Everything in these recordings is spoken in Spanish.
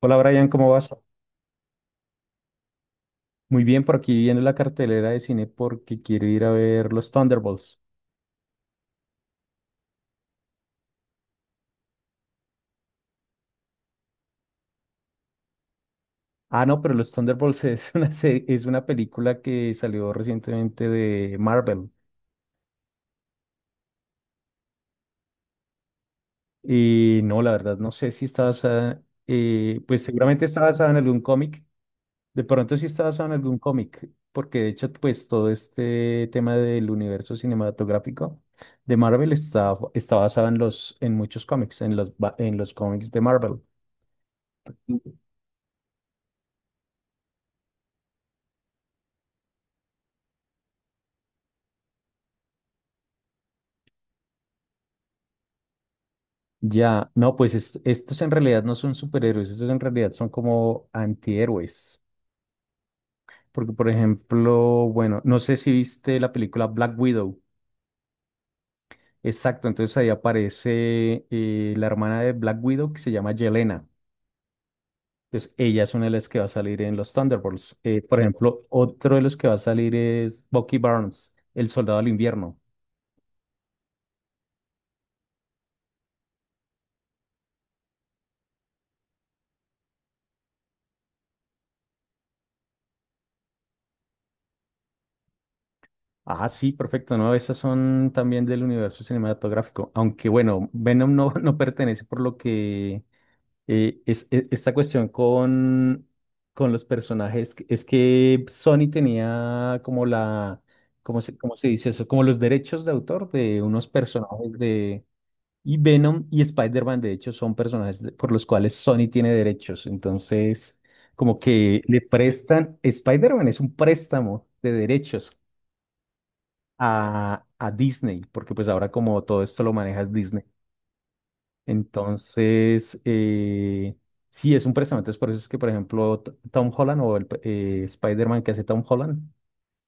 Hola Brian, ¿cómo vas? Muy bien, por aquí viendo la cartelera de cine porque quiero ir a ver los Thunderbolts. Ah, no, pero los Thunderbolts es una película que salió recientemente de Marvel. Y no, la verdad, no sé si está basada, pues seguramente está basada en algún cómic. De pronto sí está basada en algún cómic, porque de hecho, pues todo este tema del universo cinematográfico de Marvel está basado en los, en muchos cómics, en los cómics de Marvel. Ya, no, pues estos en realidad no son superhéroes, estos en realidad son como antihéroes. Porque, por ejemplo, bueno, no sé si viste la película Black Widow. Exacto, entonces ahí aparece la hermana de Black Widow que se llama Yelena. Entonces ella es una de las que va a salir en los Thunderbolts. Por ejemplo, otro de los que va a salir es Bucky Barnes, el soldado del invierno. Ah, sí, perfecto. No, esas son también del universo cinematográfico. Aunque bueno, Venom no, no pertenece por lo que esta cuestión con los personajes, es que Sony tenía ¿cómo se dice eso? Como los derechos de autor de unos personajes de... Y Venom y Spider-Man, de hecho, son personajes por los cuales Sony tiene derechos. Entonces, como que le prestan, Spider-Man es un préstamo de derechos a Disney, porque pues ahora como todo esto lo manejas Disney. Entonces, sí, es un préstamo. Entonces, por eso es que, por ejemplo, Tom Holland o el Spider-Man que hace Tom Holland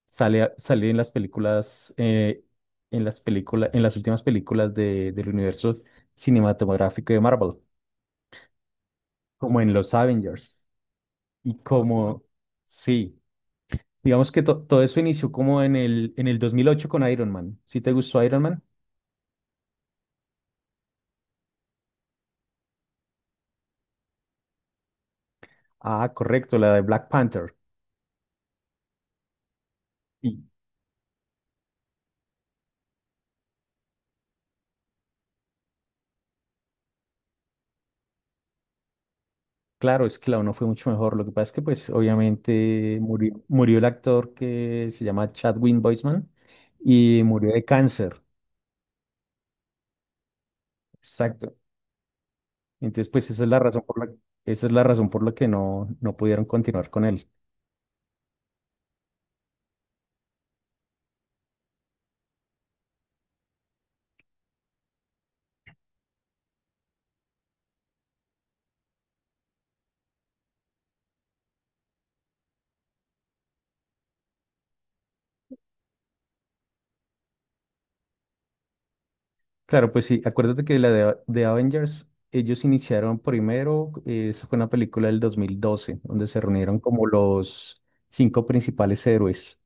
sale en las películas, en las últimas películas del universo cinematográfico de Marvel, como en los Avengers. Y como, sí, digamos que todo eso inició como en el 2008 con Iron Man. ¿Sí te gustó Iron Man? Ah, correcto, la de Black Panther. Claro, es que la uno fue mucho mejor. Lo que pasa es que, pues, obviamente murió el actor que se llama Chadwick Boseman y murió de cáncer. Exacto. Entonces, pues, esa es la razón por la que no pudieron continuar con él. Claro, pues sí, acuérdate que la de Avengers, ellos iniciaron primero, esa fue una película del 2012, donde se reunieron como los cinco principales héroes.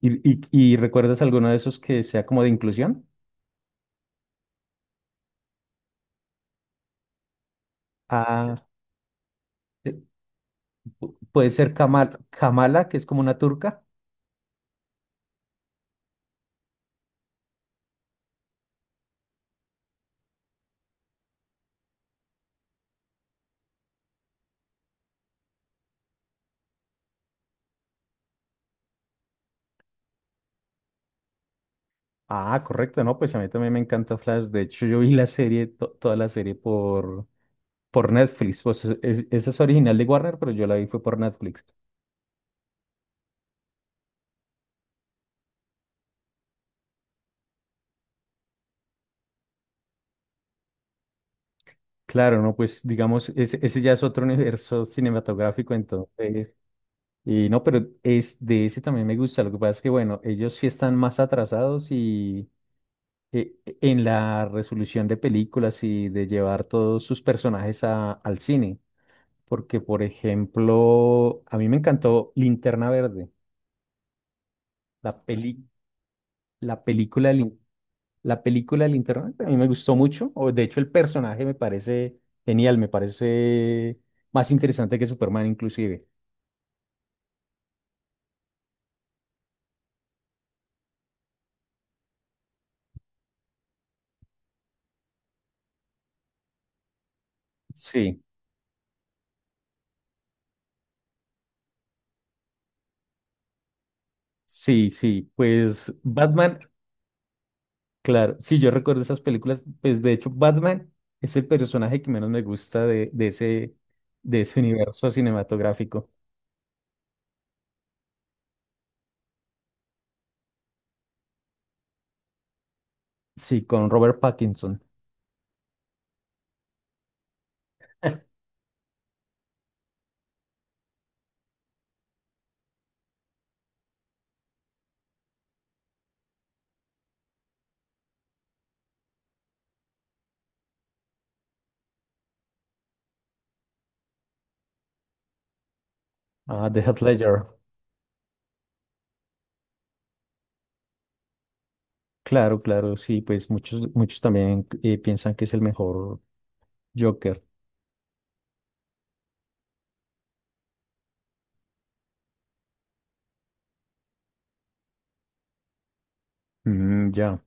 ¿Y recuerdas alguno de esos que sea como de inclusión? Ah. Puede ser Kamala, que es como una turca. Ah, correcto, no, pues a mí también me encanta Flash. De hecho, yo vi la serie, toda la serie por Netflix. Pues esa es original de Warner, pero yo la vi fue por Netflix. Claro, no, pues digamos, ese ya es otro universo cinematográfico, entonces. Y no, pero es de ese también me gusta. Lo que pasa es que, bueno, ellos sí están más atrasados y eh, en la resolución de películas y de llevar todos sus personajes al cine. Porque, por ejemplo, a mí me encantó Linterna Verde, la peli, la película, la película de Linterna Verde, a mí me gustó mucho. O, de hecho, el personaje me parece genial, me parece más interesante que Superman, inclusive. Sí, sí, sí. Pues Batman, claro, sí, yo recuerdo esas películas. Pues de hecho, Batman es el personaje que menos me gusta de ese universo cinematográfico. Sí, con Robert Pattinson, ah, de Heath Ledger. Claro, claro, sí, pues muchos, muchos también piensan que es el mejor Joker. Mm, ya.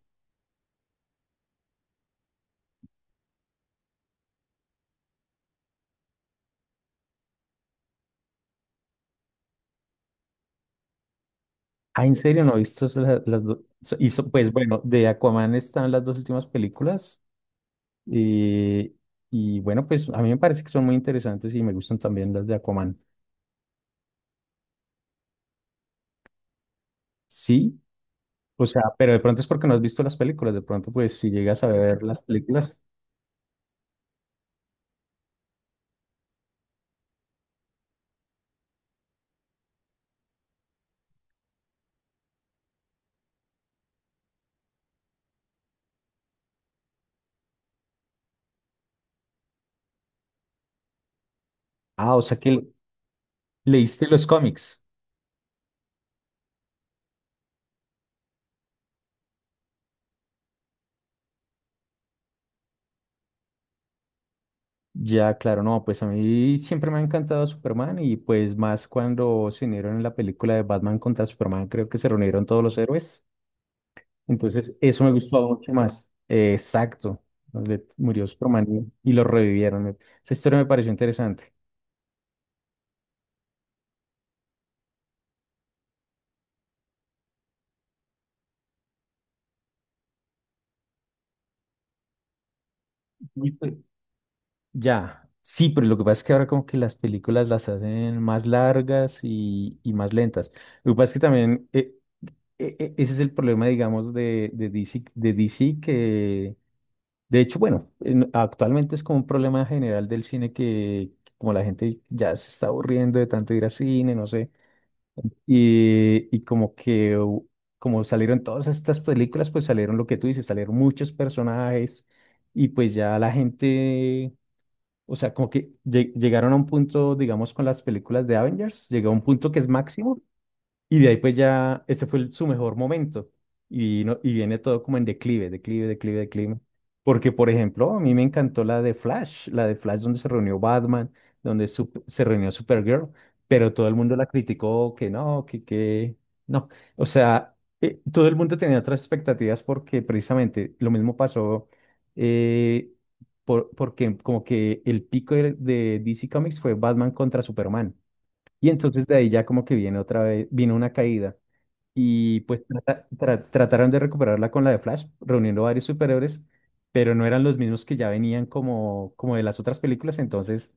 Ah, ¿en serio no he visto las dos? Pues bueno, de Aquaman están las dos últimas películas. eh, y bueno, pues a mí me parece que son muy interesantes y me gustan también las de Aquaman. Sí, o sea, pero de pronto es porque no has visto las películas. De pronto, pues si llegas a ver las películas. Ah, o sea que leíste los cómics. Ya, claro, no, pues a mí siempre me ha encantado Superman y pues más cuando se unieron en la película de Batman contra Superman, creo que se reunieron todos los héroes. Entonces, eso me gustó mucho más. Exacto, donde murió Superman y lo revivieron. Esa historia me pareció interesante. Y pues, ya, sí, pero lo que pasa es que ahora como que las películas las hacen más largas y más lentas. Lo que pasa es que también ese es el problema, digamos, de DC que de hecho, bueno, actualmente es como un problema general del cine que como la gente ya se está aburriendo de tanto ir al cine, no sé, y como que como salieron todas estas películas, pues salieron lo que tú dices, salieron muchos personajes y pues ya la gente, o sea, como que llegaron a un punto, digamos, con las películas de Avengers, llegó a un punto que es máximo y de ahí pues ya, ese fue su mejor momento. Y no, y viene todo como en declive, declive, declive, declive. Porque, por ejemplo, a mí me encantó la de Flash donde se reunió Batman, donde se reunió Supergirl, pero todo el mundo la criticó que no, que no. O sea, todo el mundo tenía otras expectativas porque precisamente lo mismo pasó eh, porque como que el pico de DC Comics fue Batman contra Superman. Y entonces de ahí ya como que viene otra vez, vino una caída. Y pues trataron de recuperarla con la de Flash, reuniendo varios superhéroes, pero no eran los mismos que ya venían como de las otras películas, entonces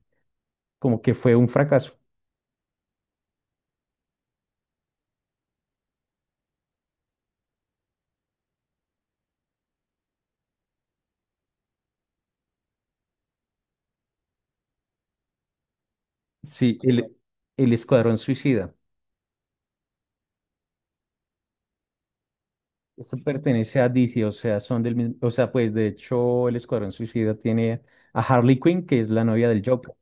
como que fue un fracaso. Sí, el Escuadrón Suicida. Eso pertenece a DC, o sea, son del mismo, o sea, pues de hecho el Escuadrón Suicida tiene a Harley Quinn, que es la novia del Joker.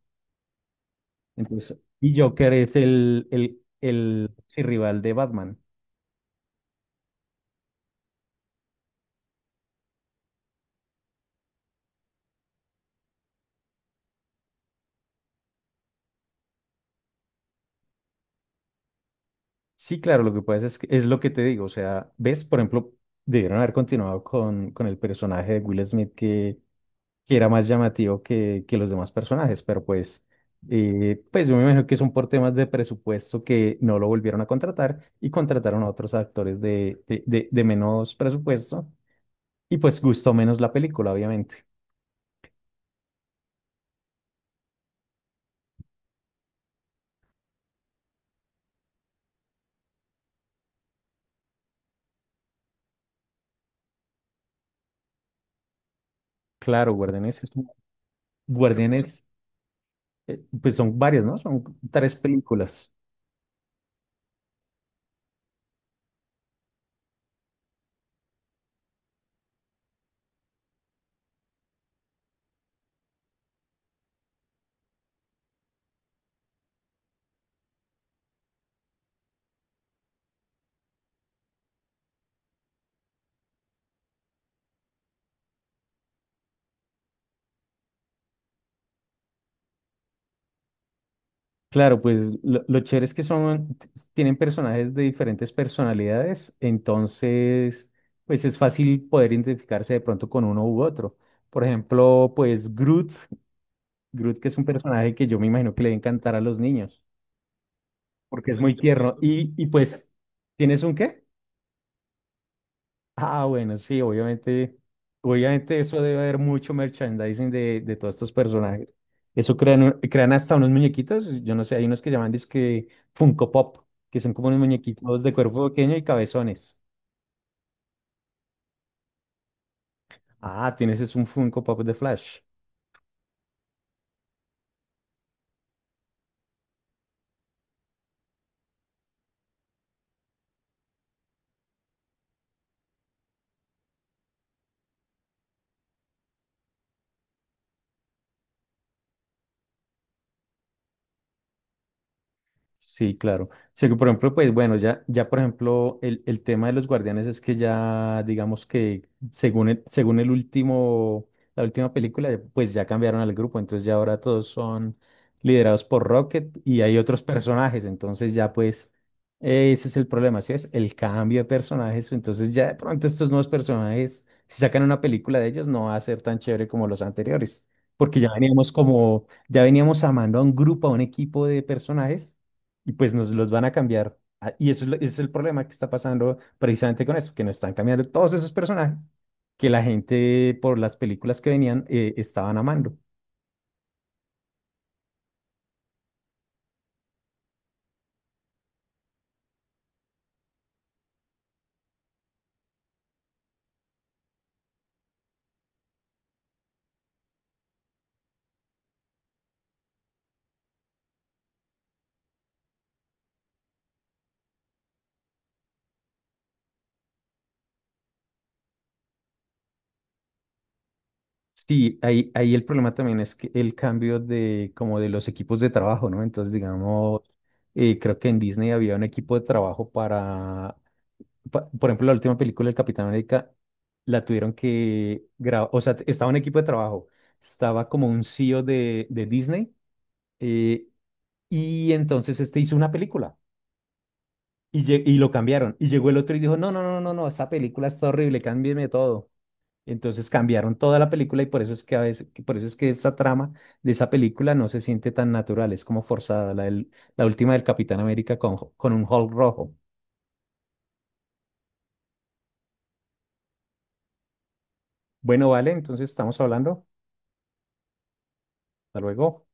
Entonces, y Joker es el rival de Batman. Sí, claro, lo que pasa es que es lo que te digo, o sea, ves, por ejemplo, debieron haber continuado con el personaje de Will Smith que era más llamativo que los demás personajes, pero pues, pues yo me imagino que son por temas de presupuesto que no lo volvieron a contratar y contrataron a otros actores de menos presupuesto y pues gustó menos la película, obviamente. Claro, Guardianes, pues son varias, ¿no? Son tres películas. Claro, pues lo chévere es que tienen personajes de diferentes personalidades, entonces, pues es fácil poder identificarse de pronto con uno u otro. Por ejemplo, pues Groot que es un personaje que yo me imagino que le va a encantar a los niños, porque es muy tierno. Y pues, ¿tienes un qué? Ah, bueno, sí, obviamente eso debe haber mucho merchandising de todos estos personajes. Eso crean hasta unos muñequitos, yo no sé, hay unos que llaman dizque Funko Pop, que son como unos muñequitos de cuerpo pequeño y cabezones. Ah, tienes es un Funko Pop de Flash. Sí, claro. Sí, que por ejemplo, pues bueno, ya por ejemplo, el tema de los guardianes es que ya, digamos que la última película, pues ya cambiaron al grupo, entonces ya ahora todos son liderados por Rocket y hay otros personajes, entonces ya pues ese es el problema. ¿Sí? Es el cambio de personajes, entonces ya de pronto estos nuevos personajes, si sacan una película de ellos, no va a ser tan chévere como los anteriores, porque ya veníamos amando a un grupo, a un equipo de personajes y pues nos los van a cambiar. Ah. Ese es el problema que está pasando precisamente con eso, que nos están cambiando todos esos personajes que la gente por las películas que venían estaban amando. Sí, ahí el problema también es que el cambio de como de los equipos de trabajo, ¿no? Entonces, digamos, creo que en Disney había un equipo de trabajo por ejemplo, la última película del Capitán América la tuvieron que grabar, o sea, estaba un equipo de trabajo, estaba como un CEO de Disney. eh, Y entonces este hizo una película y lo cambiaron. Y llegó el otro y dijo: no, no, no, no, no, esa película está horrible, cámbieme todo. Entonces cambiaron toda la película y por eso es que a veces, que por eso es que esa trama de esa película no se siente tan natural, es como forzada, la última del Capitán América con un Hulk rojo. Bueno, vale, entonces estamos hablando. Hasta luego.